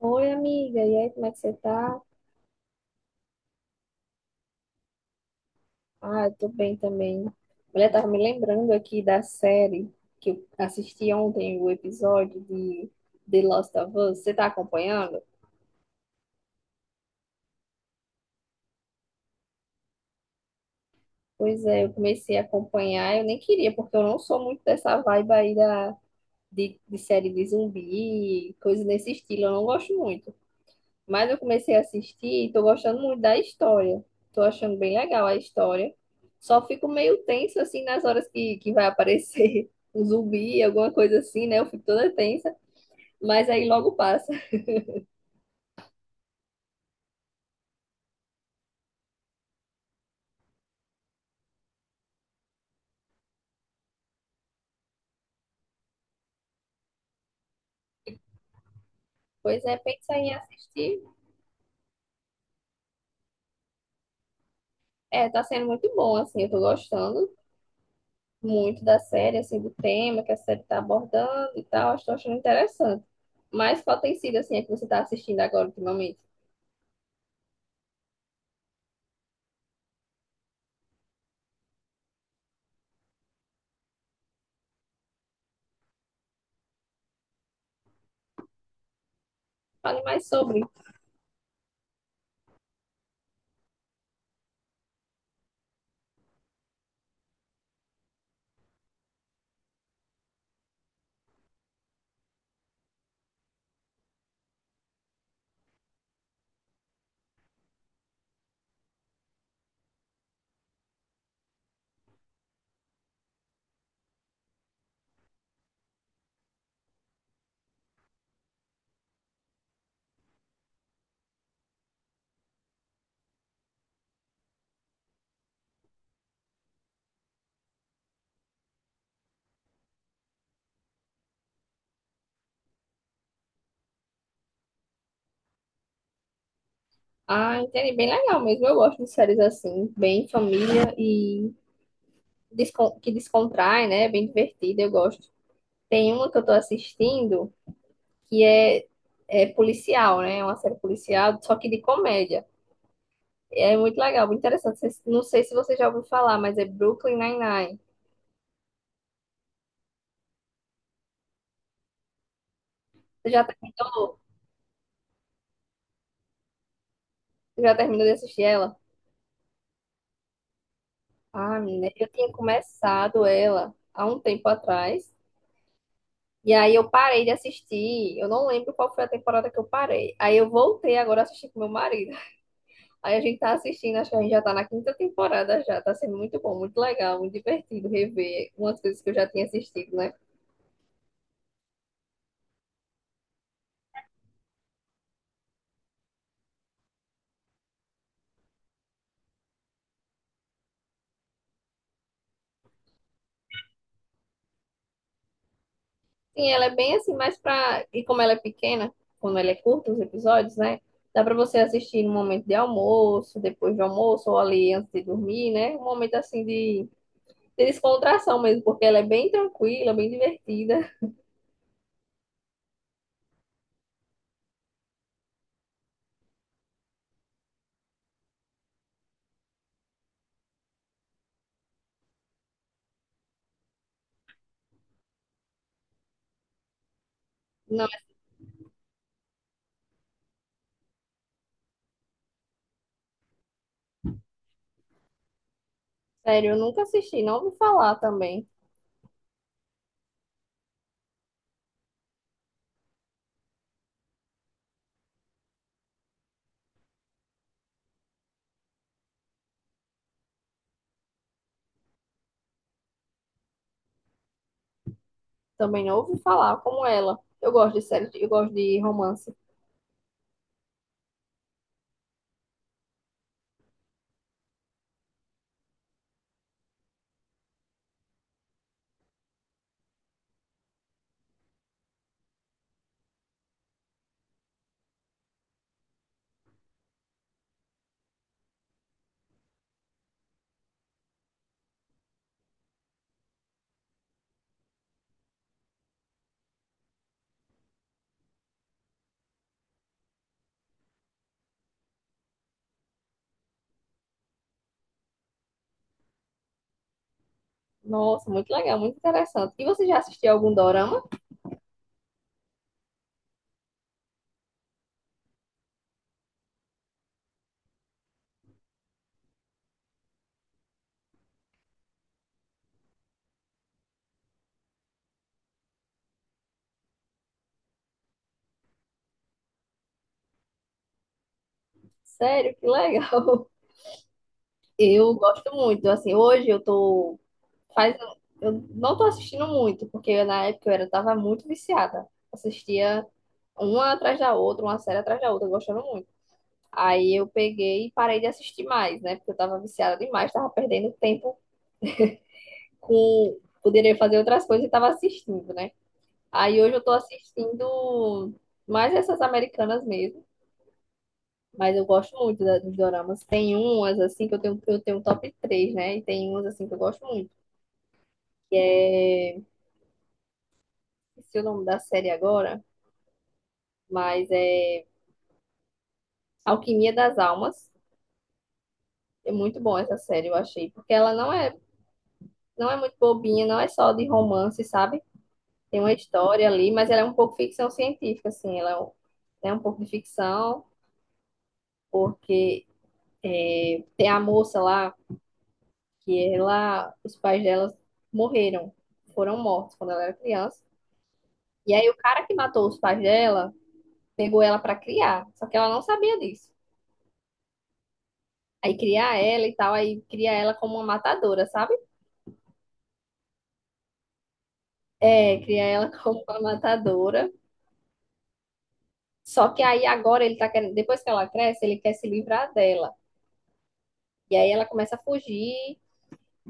Oi, amiga. E aí, como é que você tá? Ah, eu tô bem também. Mulher, tava me lembrando aqui da série que eu assisti ontem, o episódio de The Last of Us. Você tá acompanhando? Pois é, eu comecei a acompanhar. Eu nem queria, porque eu não sou muito dessa vibe aí da, de série de zumbi, coisa nesse estilo. Eu não gosto muito. Mas eu comecei a assistir e tô gostando muito da história. Tô achando bem legal a história. Só fico meio tenso assim nas horas que vai aparecer um zumbi, alguma coisa assim, né? Eu fico toda tensa, mas aí logo passa. Pois é, pensa em assistir. É, tá sendo muito bom, assim, eu tô gostando muito da série, assim, do tema que a série tá abordando e tal. Estou achando interessante. Mas qual tem sido, assim, a que você tá assistindo agora ultimamente? Fale mais sobre. Ah, entendi. Bem legal mesmo. Eu gosto de séries assim, bem família e que descontrai, né? Bem divertida, eu gosto. Tem uma que eu tô assistindo que é, é policial, né? É uma série policial, só que de comédia. É muito legal, muito interessante. Não sei se você já ouviu falar, mas é Brooklyn Nine-Nine. Você já terminou? Você já terminou de assistir ela? Ah, menina, eu tinha começado ela há um tempo atrás. E aí eu parei de assistir. Eu não lembro qual foi a temporada que eu parei. Aí eu voltei agora a assistir com meu marido. Aí a gente tá assistindo, acho que a gente já tá na quinta temporada já. Tá sendo muito bom, muito legal, muito divertido rever umas coisas que eu já tinha assistido, né? Sim, ela é bem assim, mas pra. E como ela é pequena, como ela é curta, os episódios, né? Dá pra você assistir no momento de almoço, depois do almoço, ou ali antes de dormir, né? Um momento assim de descontração mesmo, porque ela é bem tranquila, bem divertida. Sério, eu nunca assisti, não ouvi falar também. Também não ouvi falar como ela. Eu gosto de série, eu gosto de romance. Nossa, muito legal, muito interessante. E você já assistiu algum dorama? Sério, que legal. Eu gosto muito. Assim, hoje eu tô faz eu não tô assistindo muito, porque na época eu era tava muito viciada. Assistia uma atrás da outra, uma série atrás da outra, gostando muito. Aí eu peguei e parei de assistir mais, né? Porque eu tava viciada demais, tava perdendo tempo com poderia fazer outras coisas e tava assistindo, né? Aí hoje eu tô assistindo mais essas americanas mesmo, mas eu gosto muito dos doramas. Tem umas assim que eu tenho um top 3 né? E tem umas assim que eu gosto muito, que é, esqueci o nome da série agora, mas é Alquimia das Almas. É muito bom essa série, eu achei, porque ela não é muito bobinha, não é só de romance, sabe? Tem uma história ali, mas ela é um pouco ficção científica, assim, ela é um pouco de ficção, porque tem a moça lá, que ela, os pais dela morreram, foram mortos quando ela era criança. E aí o cara que matou os pais dela pegou ela pra criar, só que ela não sabia disso. Aí criar ela e tal, aí cria ela como uma matadora, sabe? É, cria ela como uma matadora. Só que aí agora ele tá querendo, depois que ela cresce, ele quer se livrar dela. E aí ela começa a fugir.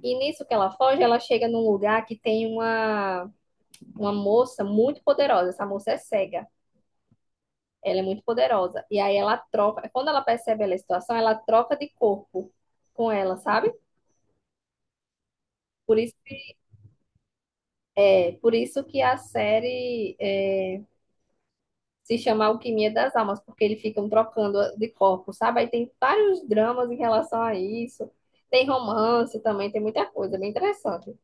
E nisso que ela foge, ela chega num lugar que tem uma moça muito poderosa. Essa moça é cega. Ela é muito poderosa. E aí ela troca, quando ela percebe a situação, ela troca de corpo com ela, sabe? Por isso, é, por isso que a série é, se chama Alquimia das Almas, porque eles ficam trocando de corpo, sabe? Aí tem vários dramas em relação a isso. Tem romance também, tem muita coisa, é bem interessante.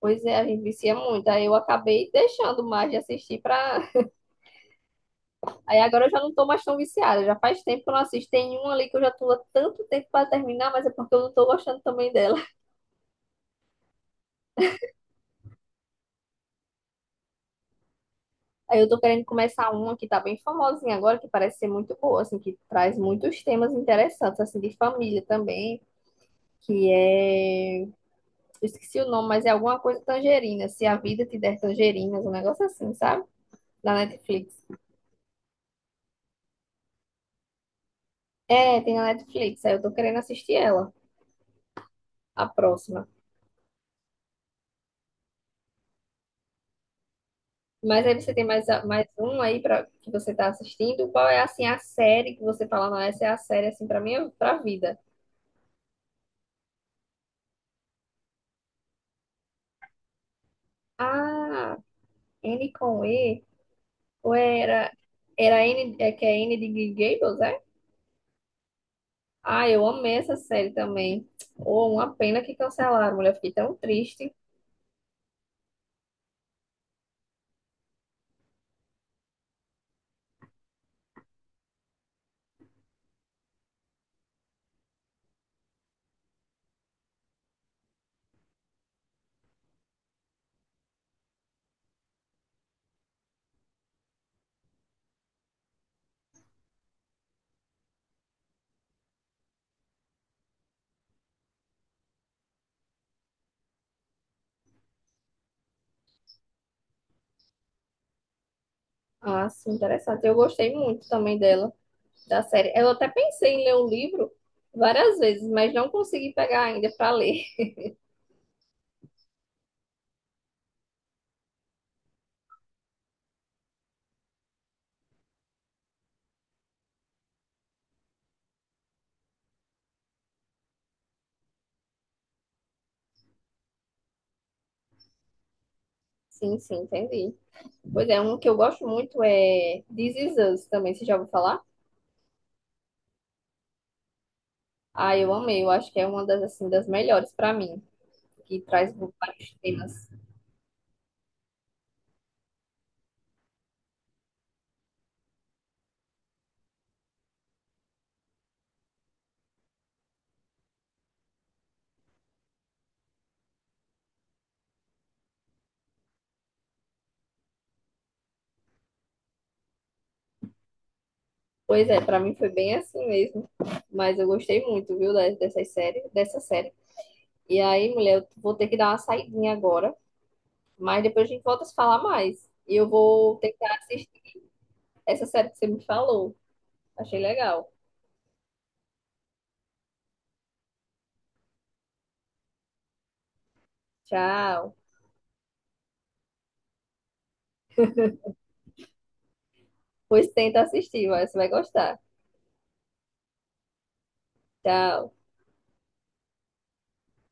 Pois é, a gente vicia muito. Aí eu acabei deixando mais de assistir pra. Aí agora eu já não tô mais tão viciada. Já faz tempo que eu não assisto. Tem um ali que eu já tô há tanto tempo pra terminar, mas é porque eu não tô gostando também dela. Aí eu tô querendo começar uma que tá bem famosinha agora, que parece ser muito boa, assim, que traz muitos temas interessantes, assim, de família também, que é... eu esqueci o nome, mas é alguma coisa tangerina, se a vida te der tangerinas, um negócio assim, sabe? Na Netflix. É, tem na Netflix, aí eu tô querendo assistir ela, a próxima. Mas aí você tem mais, mais um aí pra, que você tá assistindo? Qual é, assim, a série que você fala, não, essa é a série, assim, pra mim, pra vida? Ah, N com E. Ou era, era N, é que é N de Green Gables, é? Ah, eu amei essa série também. Oh, uma pena que cancelaram, mulher. Fiquei tão triste. Ah, sim, interessante. Eu gostei muito também dela, da série. Eu até pensei em ler o livro várias vezes, mas não consegui pegar ainda para ler. Sim, sim, entendi. Pois é, um que eu gosto muito é This Is Us também, você já ouviu falar? Ah, eu amei, eu acho que é uma das, assim, das melhores para mim, que traz vários temas. Pois é, pra mim foi bem assim mesmo. Mas eu gostei muito, viu, dessas séries, dessa série. E aí, mulher, eu vou ter que dar uma saidinha agora, mas depois a gente volta a se falar mais. E eu vou tentar assistir essa série que você me falou. Achei legal. Tchau. Pois tenta assistir, vai, você vai gostar. Tchau.